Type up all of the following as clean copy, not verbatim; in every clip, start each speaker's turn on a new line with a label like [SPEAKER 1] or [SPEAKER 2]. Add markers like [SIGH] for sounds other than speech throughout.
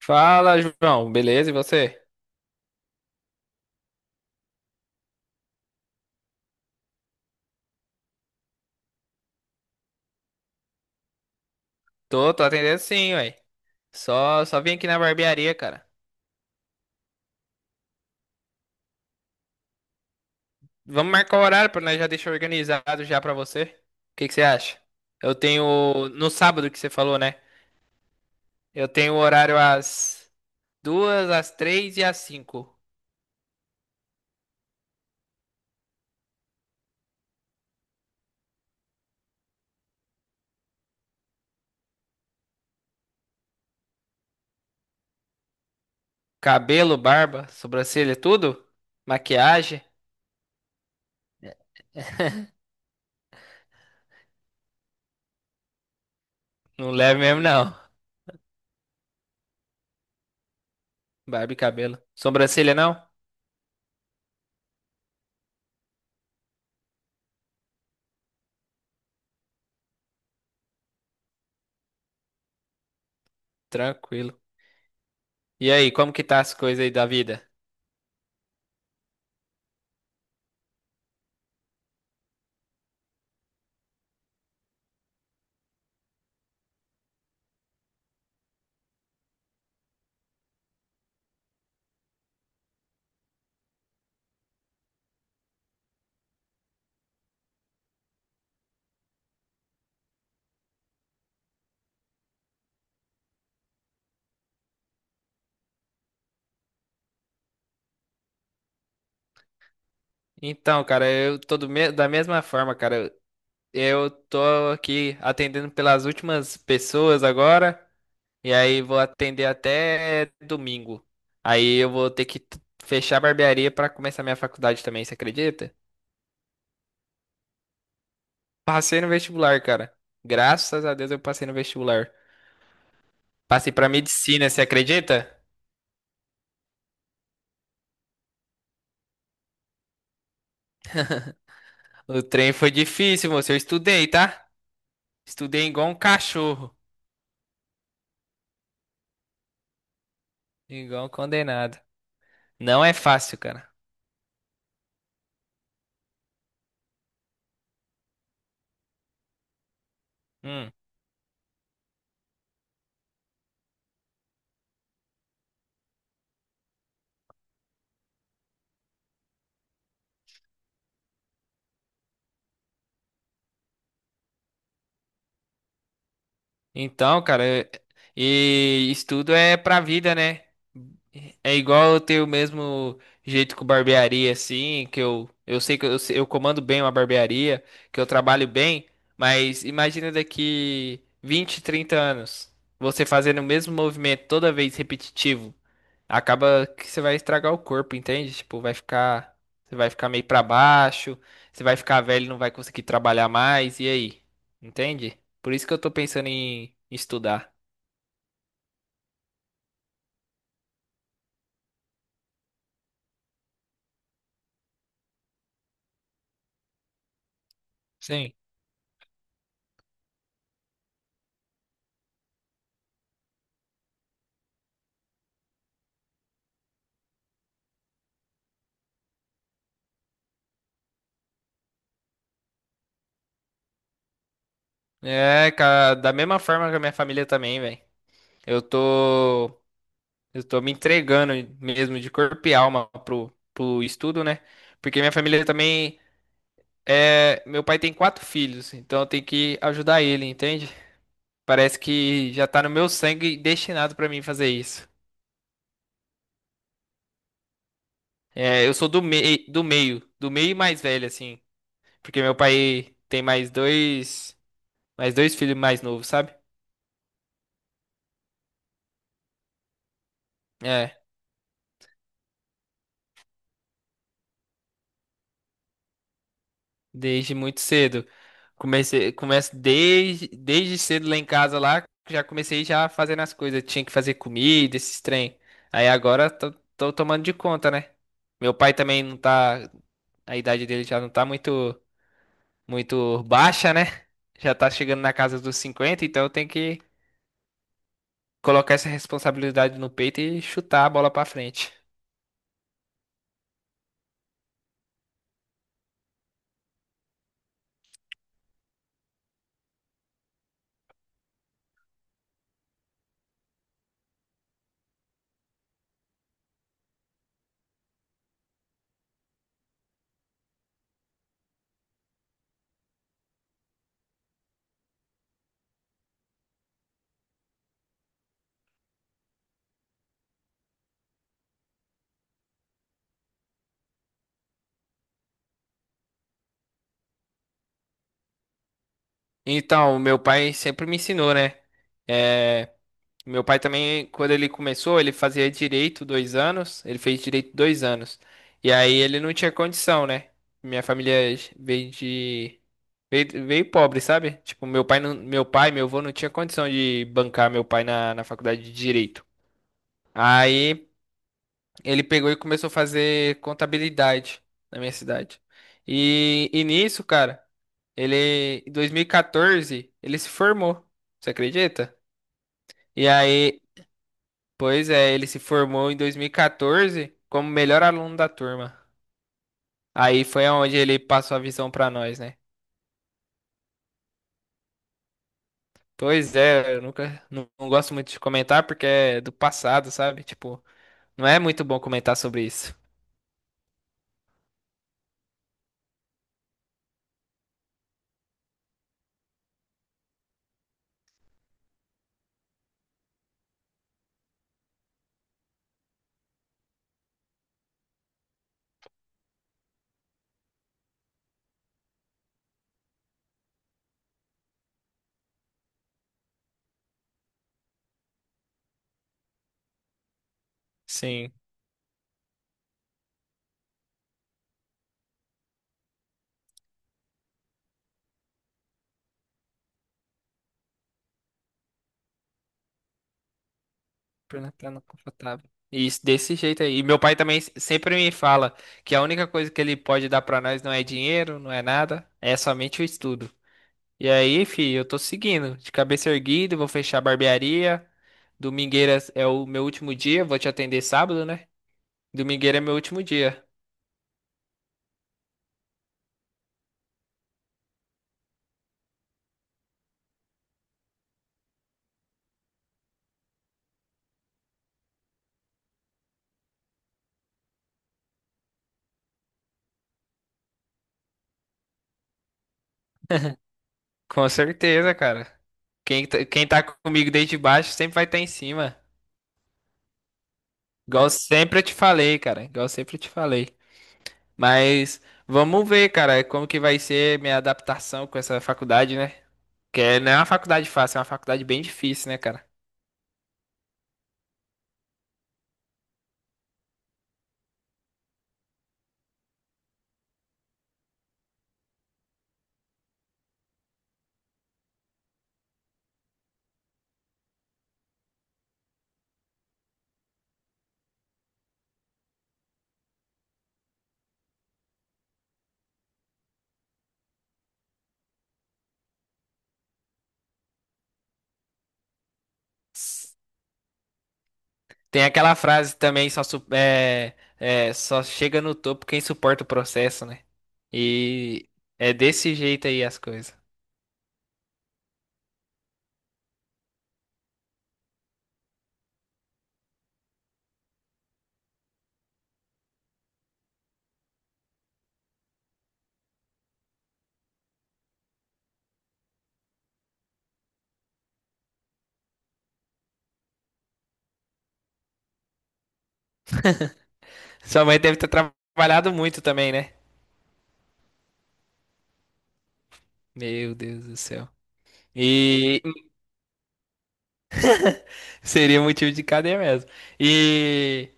[SPEAKER 1] Fala, João. Beleza? E você? Tô atendendo sim, ué. Só vim aqui na barbearia, cara. Vamos marcar o horário pra nós já deixar organizado já pra você. O que que você acha? Eu tenho no sábado que você falou, né? Eu tenho o horário às duas, às três e às cinco. Cabelo, barba, sobrancelha, tudo? Maquiagem? Não leve mesmo não. Barba e cabelo. Sobrancelha não? Tranquilo. E aí, como que tá as coisas aí da vida? Então, cara, eu tô da mesma forma, cara. Eu tô aqui atendendo pelas últimas pessoas agora, e aí vou atender até domingo. Aí eu vou ter que fechar a barbearia pra começar minha faculdade também, você acredita? Passei no vestibular, cara. Graças a Deus eu passei no vestibular. Passei pra medicina, você acredita? O trem foi difícil, moço. Eu estudei, tá? Estudei igual um cachorro, igual um condenado. Não é fácil, cara. Hum. Então, cara, e estudo é pra vida, né? É igual eu ter o mesmo jeito com barbearia, assim, que eu sei que eu, eu comando bem uma barbearia, que eu trabalho bem, mas imagina daqui 20 30 anos, você fazendo o mesmo movimento toda vez repetitivo acaba que você vai estragar o corpo, entende? Tipo, vai ficar, você vai ficar meio pra baixo, você vai ficar velho, e não vai conseguir trabalhar mais, e aí? Entende? Por isso que eu tô pensando em estudar. Sim. É, cara, da mesma forma que a minha família também, velho. Eu tô, eu tô me entregando mesmo de corpo e alma pro estudo, né? Porque minha família também é, meu pai tem quatro filhos, então eu tenho que ajudar ele, entende? Parece que já tá no meu sangue destinado pra mim fazer isso. É, eu sou do meio e mais velho, assim. Porque meu pai tem mais dois filhos mais novos, sabe? É, desde muito cedo. Começo desde cedo lá em casa lá, já comecei já fazendo as coisas. Tinha que fazer comida, esses trem. Aí agora tô tomando de conta, né? Meu pai também não tá, a idade dele já não tá muito muito baixa, né? Já tá chegando na casa dos 50, então eu tenho que colocar essa responsabilidade no peito e chutar a bola pra frente. Então, meu pai sempre me ensinou, né? É, meu pai também, quando ele começou, ele fazia direito dois anos, ele fez direito dois anos. E aí ele não tinha condição, né? Minha família veio de. veio pobre, sabe? Tipo, meu pai, não, meu pai, meu avô não tinha condição de bancar meu pai na faculdade de direito. Aí ele pegou e começou a fazer contabilidade na minha cidade. E nisso, cara, ele, em 2014, ele se formou. Você acredita? E aí, pois é, ele se formou em 2014 como melhor aluno da turma. Aí foi onde ele passou a visão pra nós, né? Pois é, eu nunca, não gosto muito de comentar porque é do passado, sabe? Tipo, não é muito bom comentar sobre isso. Sim. Pernatana confortável. Isso, desse jeito aí. E meu pai também sempre me fala que a única coisa que ele pode dar pra nós não é dinheiro, não é nada, é somente o estudo. E aí, filho, eu tô seguindo, de cabeça erguida, vou fechar a barbearia. Domingueiras é o meu último dia, vou te atender sábado, né? Domingueira é meu último dia. Com certeza, cara. Quem tá comigo desde baixo sempre vai estar em cima. Igual sempre eu te falei, cara. Igual sempre eu te falei. Mas vamos ver, cara, como que vai ser minha adaptação com essa faculdade, né? Porque não é uma faculdade fácil, é uma faculdade bem difícil, né, cara? Tem aquela frase também, só, su- é, é, só chega no topo quem suporta o processo, né? E é desse jeito aí as coisas. Sua mãe deve ter trabalhado muito também, né? Meu Deus do céu. E [LAUGHS] seria motivo de cadeia mesmo. E,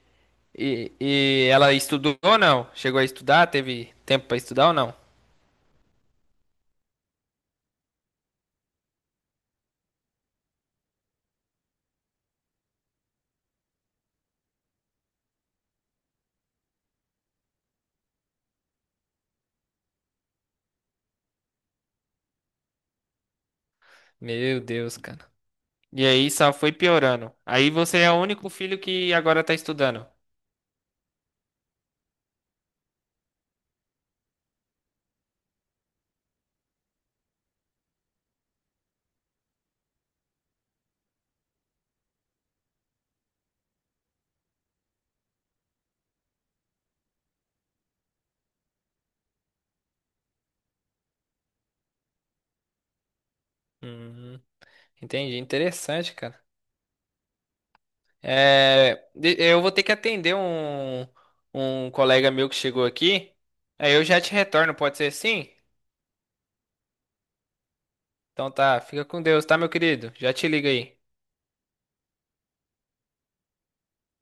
[SPEAKER 1] e ela estudou ou não? Chegou a estudar? Teve tempo pra estudar ou não? Meu Deus, cara. E aí só foi piorando. Aí você é o único filho que agora tá estudando. Hum, entendi. Interessante, cara. É, eu vou ter que atender um, colega meu que chegou aqui. Aí eu já te retorno, pode ser sim? Então tá, fica com Deus, tá, meu querido? Já te liga aí.